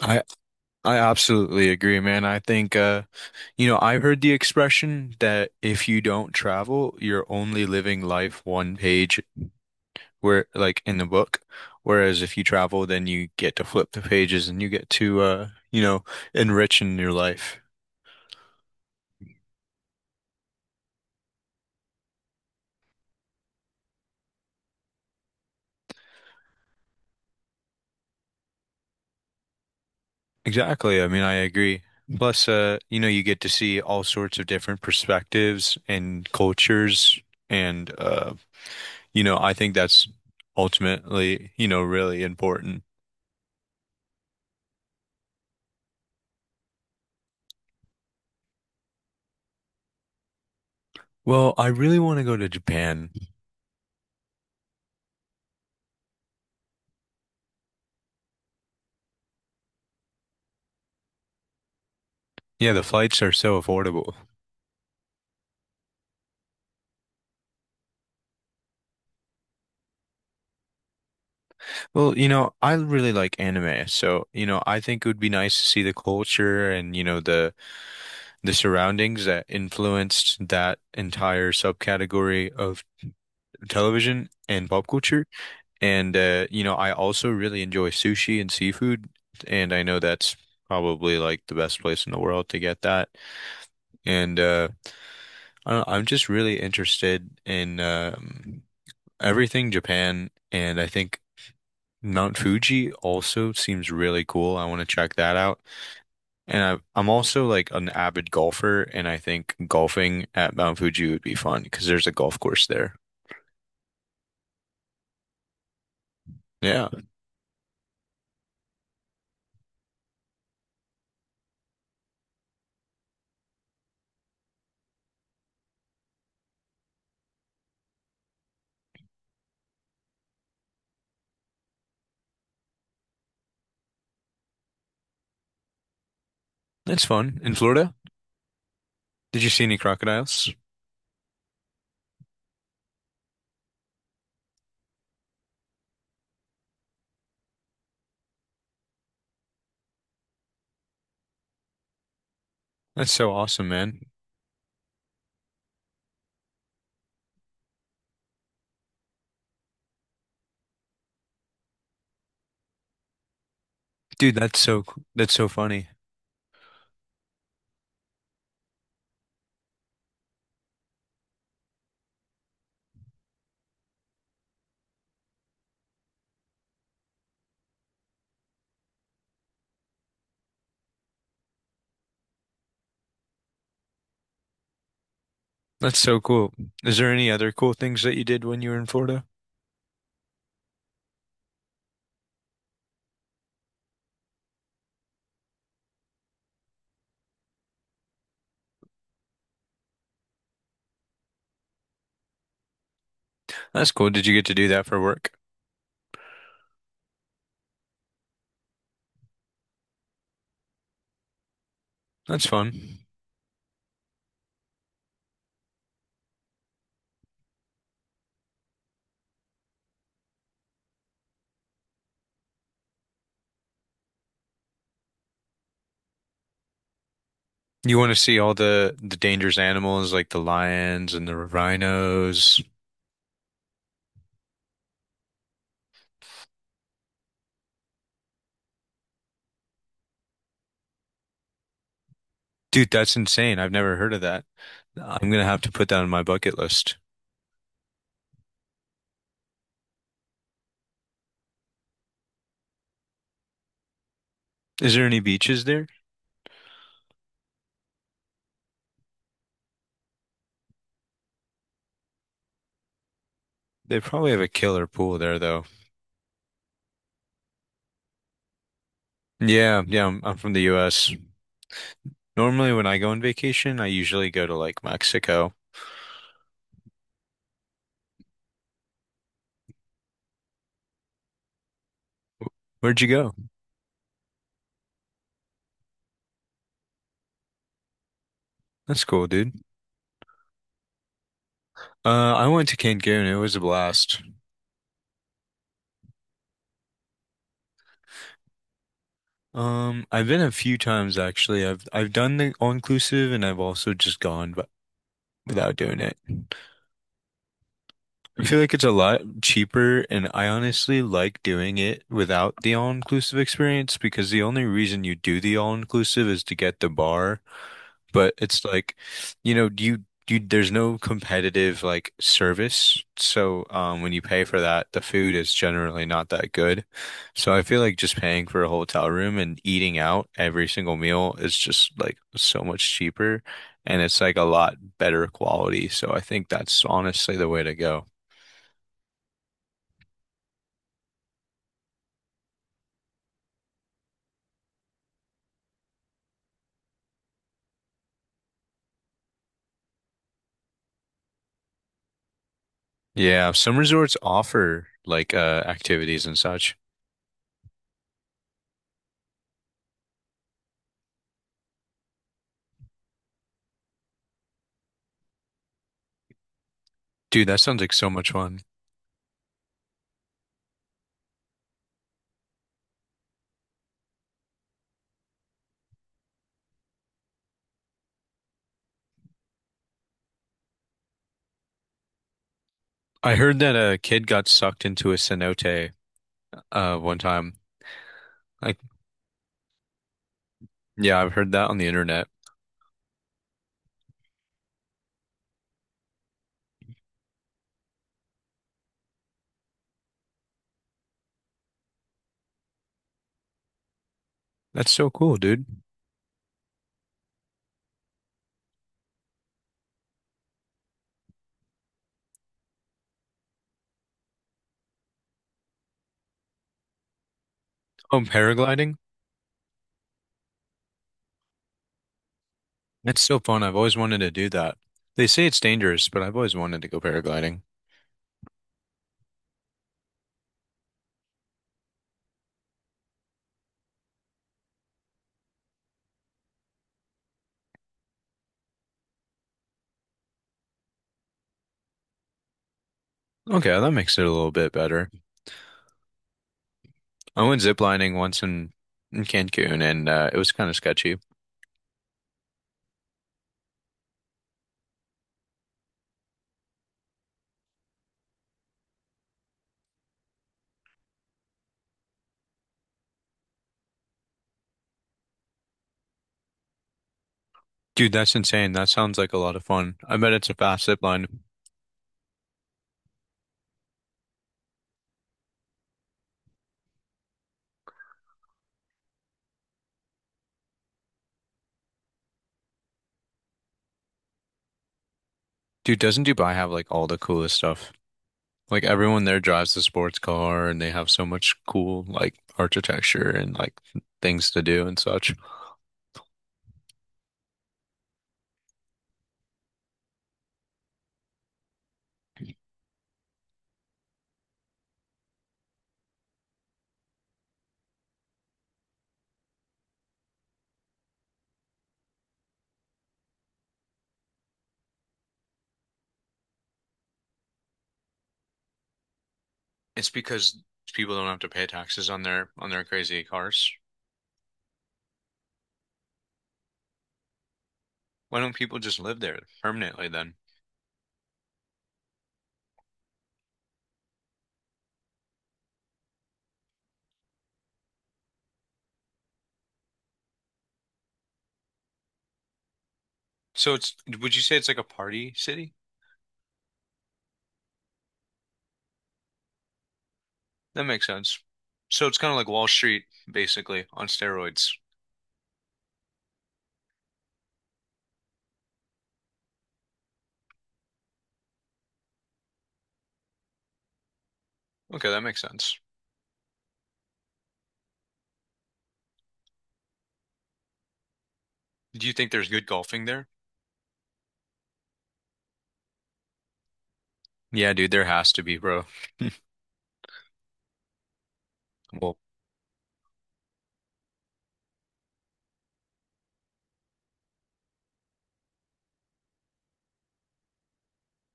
I I absolutely agree, man. I think I heard the expression that if you don't travel, you're only living life one page where like in the book. Whereas if you travel, then you get to flip the pages and you get to enrich in your life. Exactly. I mean, I agree. Plus, you get to see all sorts of different perspectives and cultures and I think that's ultimately, really important. Well, I really want to go to Japan. Yeah, the flights are so affordable. Well, I really like anime, so I think it would be nice to see the culture and the surroundings that influenced that entire subcategory of television and pop culture. And I also really enjoy sushi and seafood, and I know that's probably like the best place in the world to get that. And I don't know, I'm just really interested in everything Japan, and I think Mount Fuji also seems really cool. I want to check that out. And I'm also like an avid golfer, and I think golfing at Mount Fuji would be fun because there's a golf course there. Yeah, that's fun. In Florida, did you see any crocodiles? That's so awesome, man. Dude, that's so funny. That's so cool. Is there any other cool things that you did when you were in Florida? That's cool. Did you get to do that for work? That's fun. You want to see all the dangerous animals like the lions and the rhinos. Dude, that's insane. I've never heard of that. I'm gonna have to put that on my bucket list. Is there any beaches there? They probably have a killer pool there though. Yeah, yeah, I'm from the US. Normally when I go on vacation, I usually go to like Mexico. Where'd you go? That's cool, dude. I went to Cancun. It was a blast. I've been a few times actually. I've done the all-inclusive, and I've also just gone but without doing it. I feel like it's a lot cheaper, and I honestly like doing it without the all-inclusive experience because the only reason you do the all-inclusive is to get the bar. But it's like, you there's no competitive like service. So when you pay for that, the food is generally not that good. So I feel like just paying for a hotel room and eating out every single meal is just like so much cheaper, and it's like a lot better quality. So I think that's honestly the way to go. Yeah, some resorts offer like activities and such. Dude, that sounds like so much fun. I heard that a kid got sucked into a cenote one time. Like, yeah, I've heard that on the internet. That's so cool, dude. Oh, paragliding? That's so fun. I've always wanted to do that. They say it's dangerous, but I've always wanted to go paragliding. Okay, that makes it a little bit better. I went ziplining once in Cancun, and it was kind of sketchy. Dude, that's insane. That sounds like a lot of fun. I bet it's a fast zip line. Dude, doesn't Dubai have like all the coolest stuff? Like everyone there drives the sports car, and they have so much cool like architecture and like things to do and such. It's because people don't have to pay taxes on their crazy cars. Why don't people just live there permanently then? So it's, would you say it's like a party city? That makes sense. So it's kind of like Wall Street, basically, on steroids. Okay, that makes sense. Do you think there's good golfing there? Yeah, dude, there has to be, bro. Well,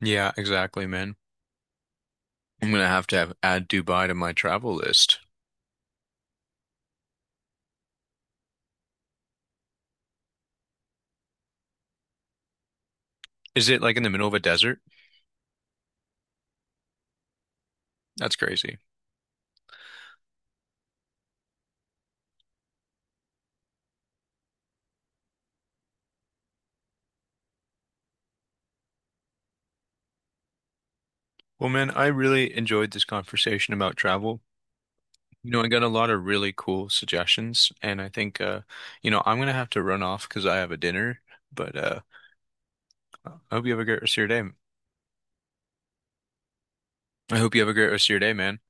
yeah, exactly, man. I'm gonna have to have, add Dubai to my travel list. Is it like in the middle of a desert? That's crazy. Well, man, I really enjoyed this conversation about travel. You know, I got a lot of really cool suggestions, and I think, I'm gonna have to run off because I have a dinner. But I hope you have a great rest of your day. I hope you have a great rest of your day, man.